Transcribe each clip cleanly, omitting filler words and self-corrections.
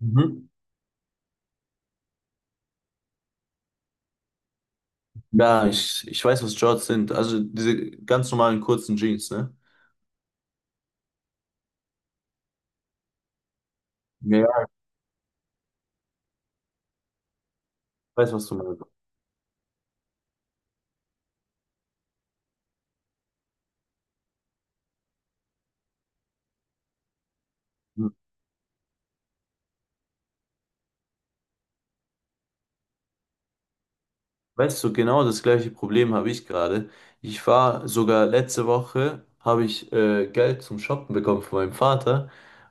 Mhm. Ja, ich weiß, was Shorts sind. Also diese ganz normalen kurzen Jeans, ne? Ja, ja. Ich weiß, was du meinst. Mhm. Weißt du, genau das gleiche Problem habe ich gerade. Ich war sogar letzte Woche, habe ich Geld zum Shoppen bekommen von meinem Vater,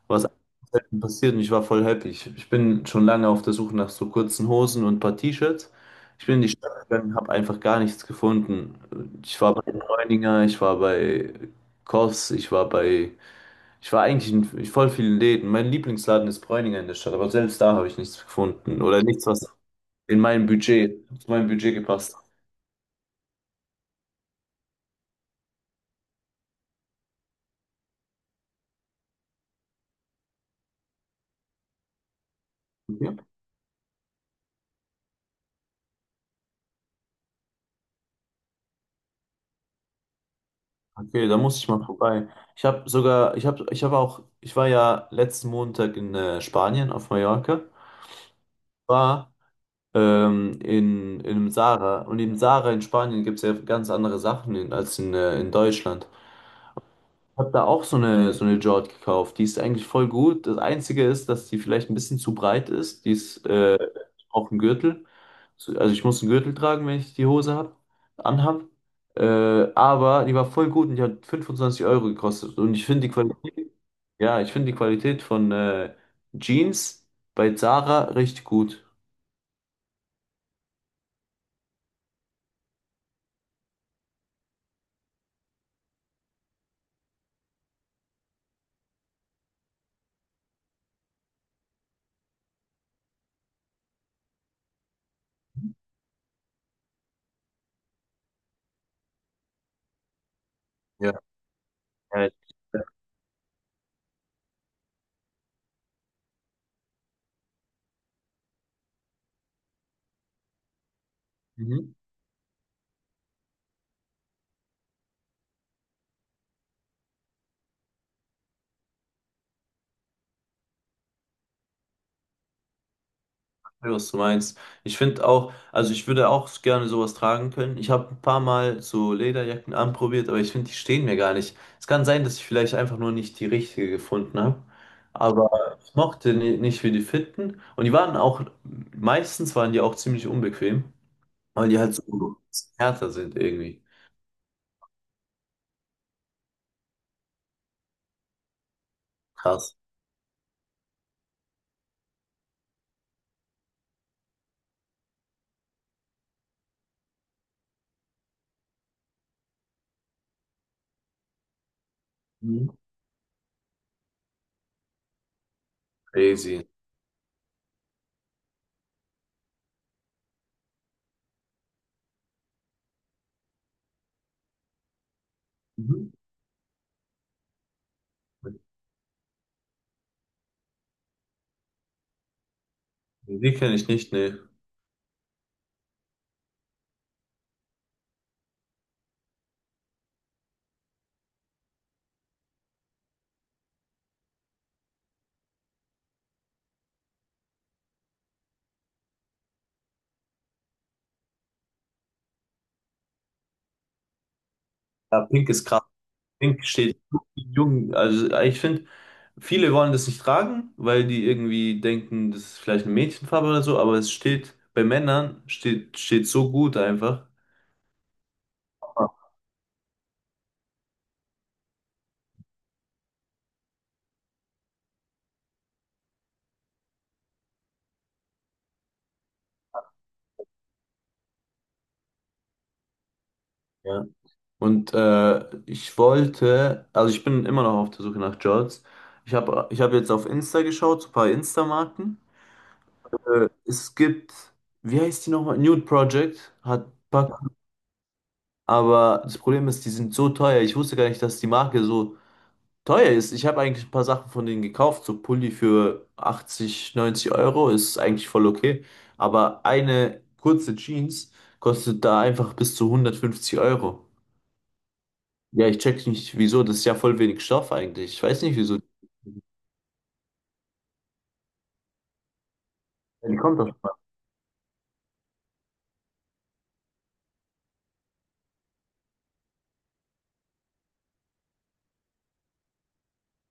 was selten passiert, und ich war voll happy. Ich bin schon lange auf der Suche nach so kurzen Hosen und ein paar T-Shirts. Ich bin in die Stadt gegangen, habe einfach gar nichts gefunden. Ich war bei Bräuninger, ich war bei Koss, ich war eigentlich in voll vielen Läden. Mein Lieblingsladen ist Bräuninger in der Stadt, aber selbst da habe ich nichts gefunden oder nichts, was zu meinem Budget gepasst hat. Okay, okay, da muss ich mal vorbei. Ich war ja letzten Montag in Spanien auf Mallorca, war in einem Zara, und im Zara in Spanien gibt es ja ganz andere Sachen als in Deutschland. Habe da auch so eine Jord gekauft. Die ist eigentlich voll gut. Das Einzige ist, dass die vielleicht ein bisschen zu breit ist. Die ist auch ein Gürtel. Also ich muss einen Gürtel tragen, wenn ich die Hose anhab. Äh, aber die war voll gut, und die hat 25 € gekostet. Und ich finde die Qualität, ja, ich finde die Qualität von Jeans bei Zara richtig gut. Ja. Ja. Mhm. Ja, was du meinst. Ich finde auch, also ich würde auch gerne sowas tragen können. Ich habe ein paar Mal so Lederjacken anprobiert, aber ich finde, die stehen mir gar nicht. Es kann sein, dass ich vielleicht einfach nur nicht die richtige gefunden habe. Aber ich mochte nicht, wie die fitten. Meistens waren die auch ziemlich unbequem, weil die halt so härter sind irgendwie. Krass. Mhm. Crazy. Mhm. Die kenne ich nicht, ne. Ja, pink ist krass. Pink steht jung. Also ich finde, viele wollen das nicht tragen, weil die irgendwie denken, das ist vielleicht eine Mädchenfarbe oder so, aber es steht bei Männern, steht so gut einfach. Ja. Und also ich bin immer noch auf der Suche nach Jorts. Ich hab jetzt auf Insta geschaut, so ein paar Insta-Marken. Es gibt, wie heißt die nochmal? Nude Project hat Pack, aber das Problem ist, die sind so teuer. Ich wusste gar nicht, dass die Marke so teuer ist. Ich habe eigentlich ein paar Sachen von denen gekauft. So Pulli für 80, 90 € ist eigentlich voll okay. Aber eine kurze Jeans kostet da einfach bis zu 150 Euro. Ja, ich check nicht, wieso. Das ist ja voll wenig Stoff eigentlich. Ich weiß nicht, wieso. Ja, die kommt auf.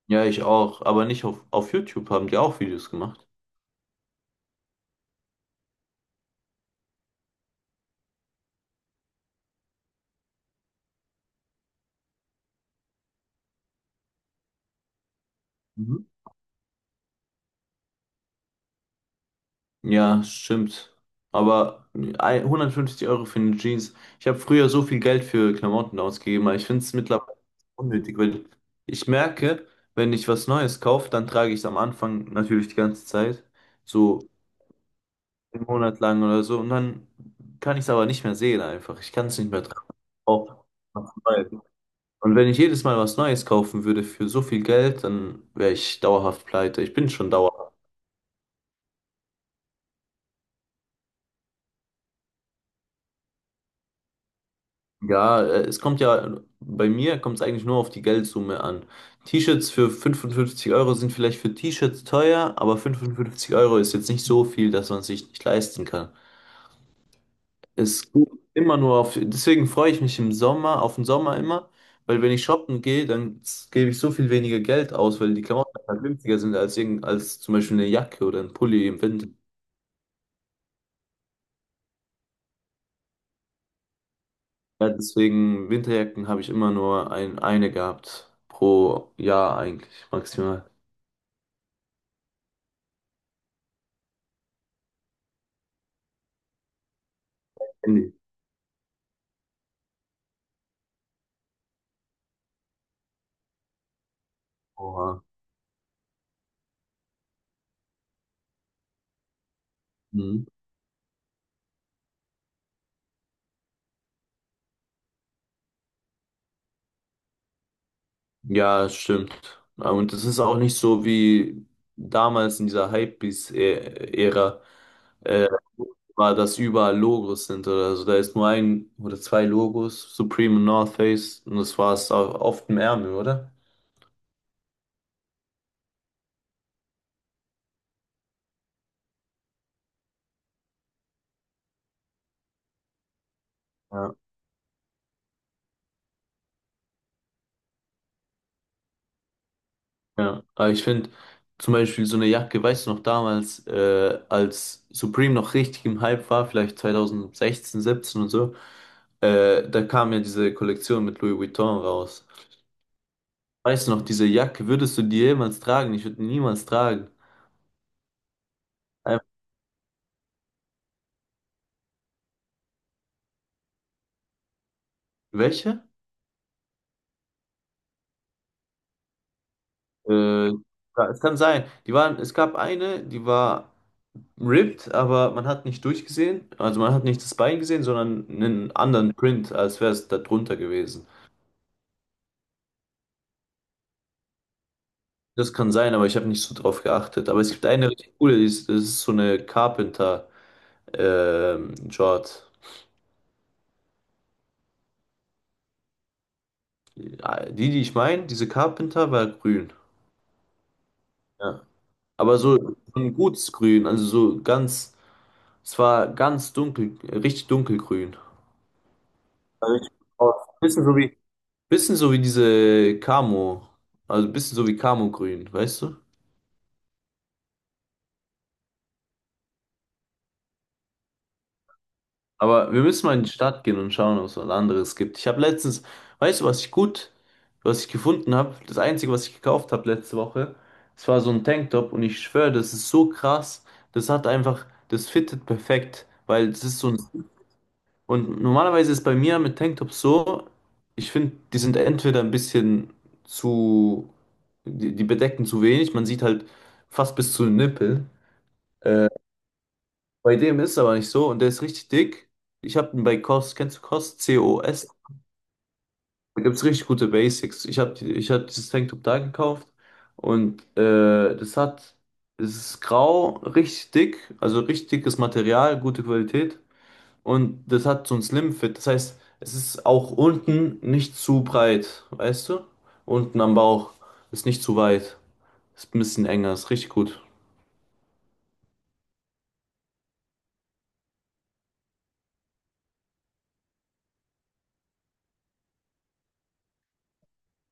Ja, ich auch. Aber nicht auf YouTube haben die auch Videos gemacht. Ja, stimmt. Aber 150 € für eine Jeans. Ich habe früher so viel Geld für Klamotten ausgegeben, aber ich finde es mittlerweile unnötig, weil ich merke, wenn ich was Neues kaufe, dann trage ich es am Anfang natürlich die ganze Zeit, so einen Monat lang oder so, und dann kann ich es aber nicht mehr sehen einfach. Ich kann es nicht mehr tragen. Auch was Neues. Und wenn ich jedes Mal was Neues kaufen würde für so viel Geld, dann wäre ich dauerhaft pleite. Ich bin schon dauerhaft. Ja, bei mir kommt es eigentlich nur auf die Geldsumme an. T-Shirts für 55 € sind vielleicht für T-Shirts teuer, aber 55 € ist jetzt nicht so viel, dass man sich nicht leisten kann. Es geht immer nur auf, deswegen freue ich mich auf den Sommer immer, weil wenn ich shoppen gehe, dann gebe ich so viel weniger Geld aus, weil die Klamotten halt günstiger sind als zum Beispiel eine Jacke oder ein Pulli im Winter. Ja, deswegen Winterjacken habe ich immer nur eine gehabt pro Jahr eigentlich, maximal. Oha. Mhm. Ja, das stimmt. Ja, und es ist auch nicht so wie damals in dieser Hypebeast-Ära äh, war, dass überall Logos sind oder so. Da ist nur ein oder zwei Logos, Supreme und North Face, und das war es auch oft im Ärmel, oder? Ja. Ja, aber ich finde zum Beispiel so eine Jacke, weißt du noch damals, als Supreme noch richtig im Hype war, vielleicht 2016, 17 und so, da kam ja diese Kollektion mit Louis Vuitton raus. Weißt du noch, diese Jacke, würdest du die jemals tragen? Ich würde die niemals tragen. Ähm, Welche? Ja, es kann sein. Es gab eine, die war ripped, aber man hat nicht durchgesehen. Also man hat nicht das Bein gesehen, sondern einen anderen Print, als wäre es da drunter gewesen. Das kann sein, aber ich habe nicht so drauf geachtet. Aber es gibt eine richtig coole, das ist so eine Carpenter Short. Die, die ich meine, diese Carpenter war grün. Ja. Aber so ein gutes Grün, also so ganz. Es war ganz dunkel, richtig dunkelgrün. War richtig aus. Bisschen so wie, Bisschen so wie diese Camo. Also bisschen so wie Camo-Grün, weißt du? Aber wir müssen mal in die Stadt gehen und schauen, ob es was anderes gibt. Ich habe letztens, weißt du, was ich gefunden habe? Das Einzige, was ich gekauft habe letzte Woche, es war so ein Tanktop, und ich schwöre, das ist so krass. Das hat einfach, das fittet perfekt, weil es ist so ein. Und normalerweise ist bei mir mit Tanktops so, ich finde, die sind entweder ein bisschen zu, die bedecken zu wenig, man sieht halt fast bis zu den Nippeln. Äh, Bei dem ist es aber nicht so, und der ist richtig dick. Ich habe ihn bei COS, kennst du COS? COS? Da gibt es richtig gute Basics. Ich hab dieses Tanktop da gekauft, und es ist grau, richtig dick, also richtig dickes Material, gute Qualität. Und das hat so ein Slim Fit. Das heißt, es ist auch unten nicht zu breit, weißt du? Unten am Bauch ist nicht zu weit. Ist ein bisschen enger, ist richtig gut.